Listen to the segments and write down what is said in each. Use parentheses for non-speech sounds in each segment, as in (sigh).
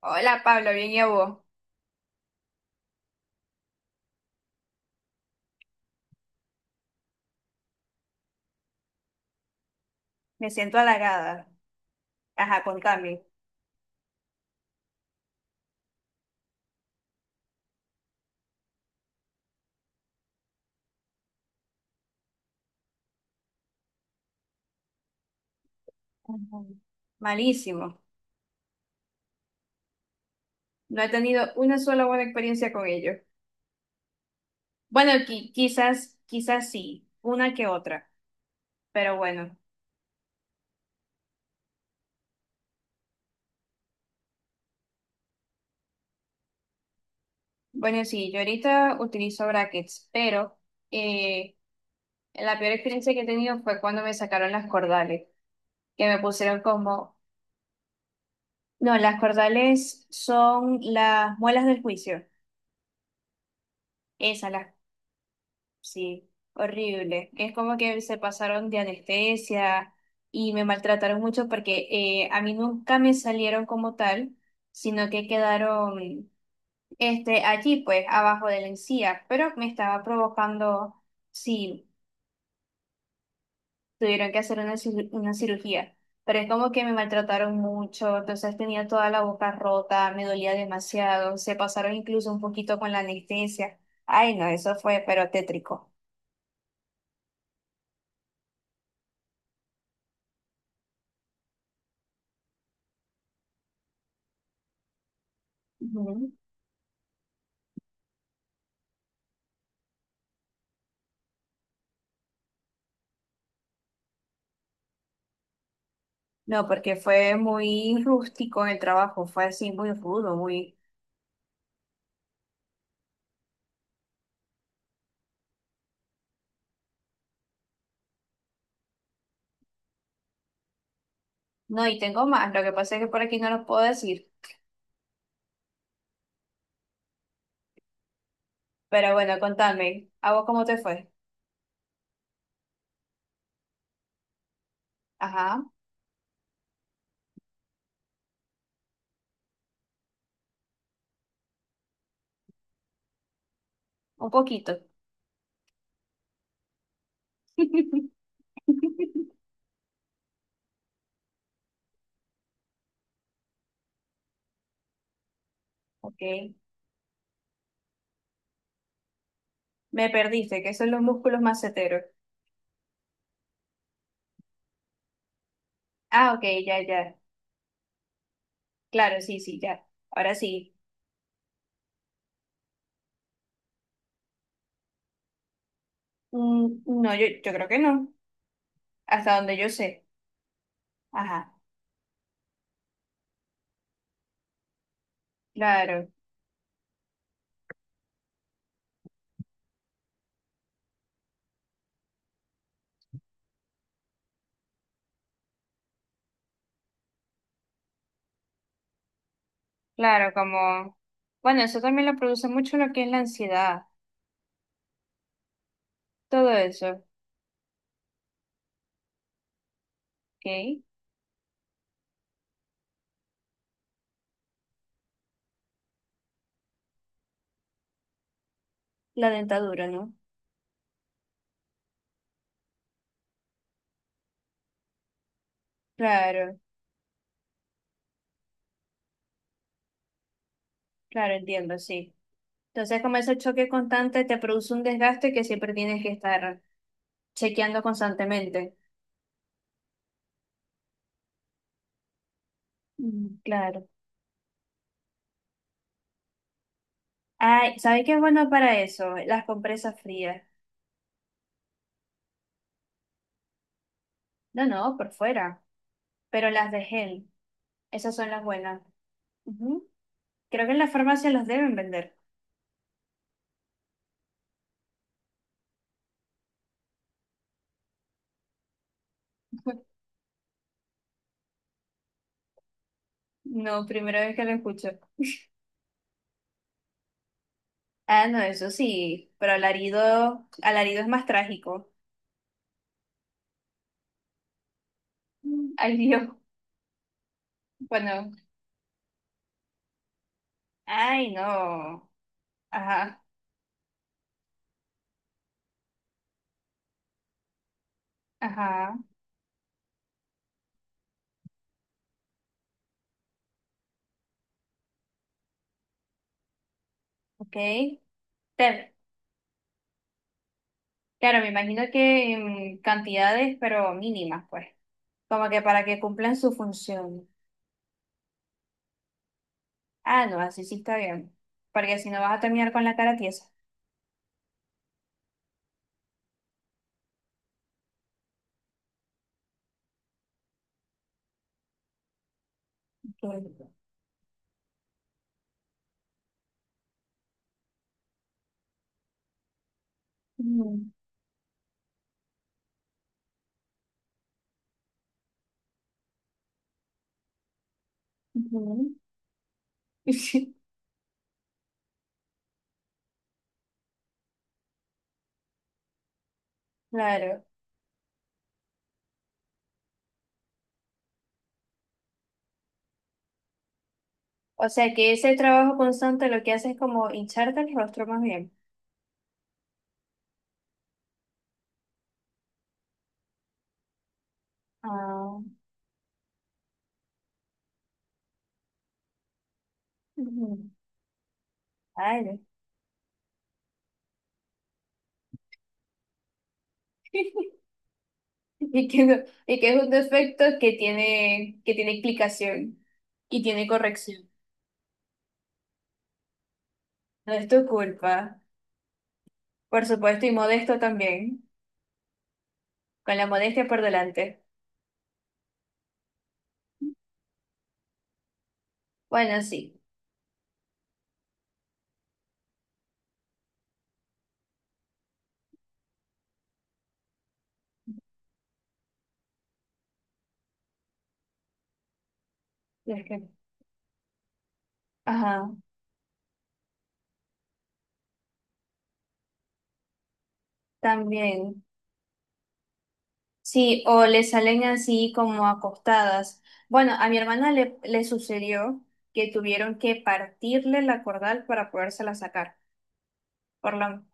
Hola Pablo, bien y a vos. Me siento halagada. Ajá, contame. Ujú. Malísimo. No he tenido una sola buena experiencia con ellos. Bueno, quizás sí, una que otra, pero bueno. Bueno, sí, yo ahorita utilizo brackets, pero eh, la peor experiencia que he tenido fue cuando me sacaron las cordales, que me pusieron como, no, las cordales son las muelas del juicio, esas, las. Sí, horrible. Es como que se pasaron de anestesia y me maltrataron mucho porque a mí nunca me salieron como tal, sino que quedaron allí, pues, abajo de la encía, pero me estaba provocando, sí, tuvieron que hacer una cirugía, pero es como que me maltrataron mucho, entonces tenía toda la boca rota, me dolía demasiado, se pasaron incluso un poquito con la anestesia. Ay, no, eso fue, pero tétrico. No, porque fue muy rústico el trabajo, fue así muy rudo, muy. No, y tengo más, lo que pasa es que por aquí no los puedo decir. Pero bueno, contame, ¿a vos cómo te fue? Ajá, un poquito. (laughs) Ok, me perdiste, ¿que son los músculos maceteros? Ah, ok, ya, ya. Claro, sí, sí, ya. Ahora sí. Mm, no, yo creo que no, hasta donde yo sé. Ajá, claro, claro, como. Bueno, eso también lo produce mucho lo que es la ansiedad, todo eso, ¿ok? La dentadura, ¿no? Claro, claro, entiendo, sí. Entonces, como ese choque constante te produce un desgaste que siempre tienes que estar chequeando constantemente. Mm, claro. Ay, ¿sabes qué es bueno para eso? Las compresas frías. No, no, por fuera, pero las de gel. Esas son las buenas. Ujú. Creo que en la farmacia las deben vender. (laughs) No, primera vez que lo escucho. Ah, no, eso sí, pero alarido, alarido es más trágico. Mm. Ay, Dios. Bueno, ay, no. Ajá. Ajá, ok. Te- Claro, me imagino que en cantidades, pero mínimas, pues. Como que para que cumplan su función. Ah, no, así sí está bien. Porque si no vas a terminar con la cara tiesa. Claro. Ujú, ujú. (laughs) Claro. O sea que ese trabajo constante lo que hace es como hincharte el rostro más bien. Ah, ujú. Ay, no. (laughs) Y que, y que es un defecto que tiene explicación y tiene corrección. No es tu culpa. Por supuesto, y modesto también, con la modestia por delante. Bueno, sí, es que- ajá, también. Sí, o le salen así como acostadas. Bueno, a mi hermana le sucedió que tuvieron que partirle la cordal para podérsela sacar. Por la,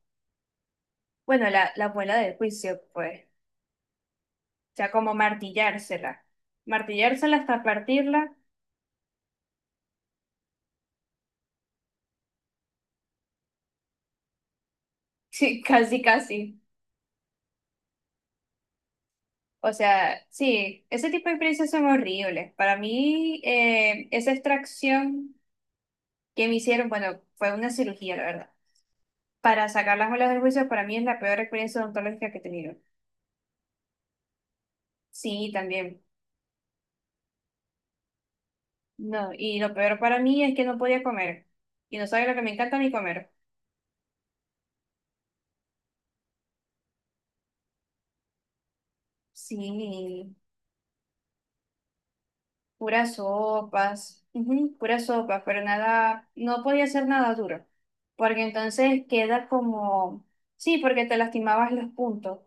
bueno, la abuela del juicio, pues, o sea, como martillársela. Martillársela hasta partirla. (laughs) Sí, casi, casi. O sea, sí, ese tipo de experiencias son horribles. Para mí, esa extracción que me hicieron, bueno, fue una cirugía, la verdad. Para sacar las muelas del juicio, para mí es la peor experiencia odontológica que he tenido. Sí, también. No, y lo peor para mí es que no podía comer. Y no sabía lo que me encanta ni comer. Sí, puras sopas, ujú, puras sopas, pero nada, no podía hacer nada duro. Porque entonces queda como, sí, porque te lastimabas los puntos.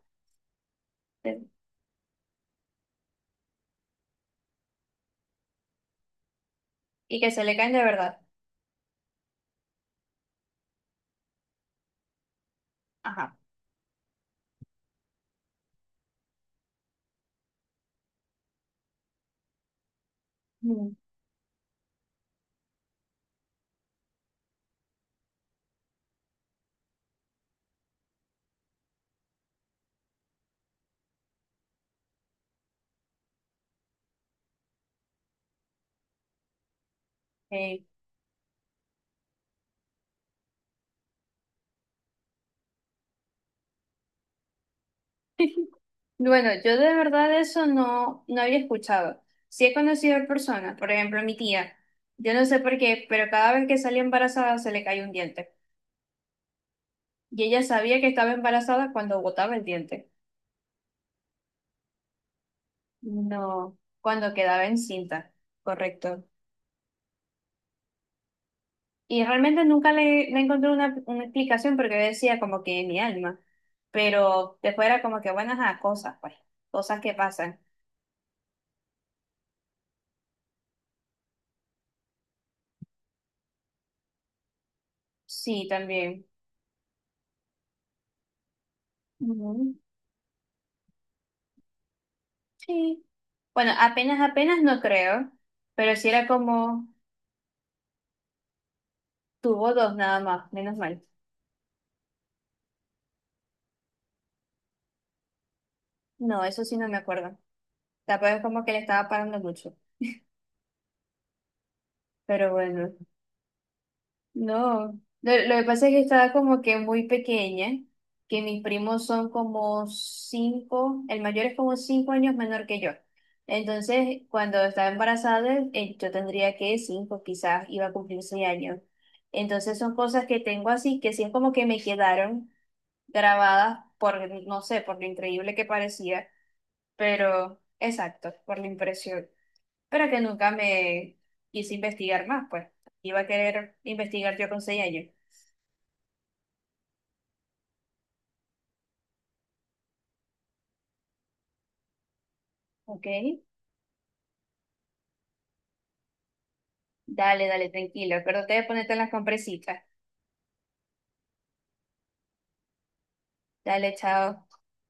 Y que se le caen de verdad. Ajá. Mm. Eh, (laughs) Bueno, yo de verdad eso no había escuchado. Sí he conocido a personas, por ejemplo, mi tía. Yo no sé por qué, pero cada vez que salía embarazada se le cayó un diente. Y ella sabía que estaba embarazada cuando botaba el diente. No, cuando quedaba encinta. Correcto. Y realmente nunca le encontré una explicación porque yo decía como que mi alma. Pero después era como que, bueno, ajá, cosas, pues, cosas que pasan. Sí, también. Mm, sí. Bueno, apenas, apenas no creo, pero si era como tuvo dos nada más, menos mal. No, eso sí no me acuerdo. Tampoco es como que le estaba parando mucho, pero bueno, no. Lo que pasa es que estaba como que muy pequeña, que mis primos son como cinco, el mayor es como 5 años menor que yo. Entonces, cuando estaba embarazada, yo tendría que cinco, quizás iba a cumplir 6 años. Entonces son cosas que tengo así, que sí es como que me quedaron grabadas por, no sé, por lo increíble que parecía, pero exacto, por la impresión. Pero que nunca me quise investigar más, pues. Iba a querer investigar yo con 6 años. Ok, dale, dale, tranquilo. Acuérdate de ponerte las compresitas. Dale, chao.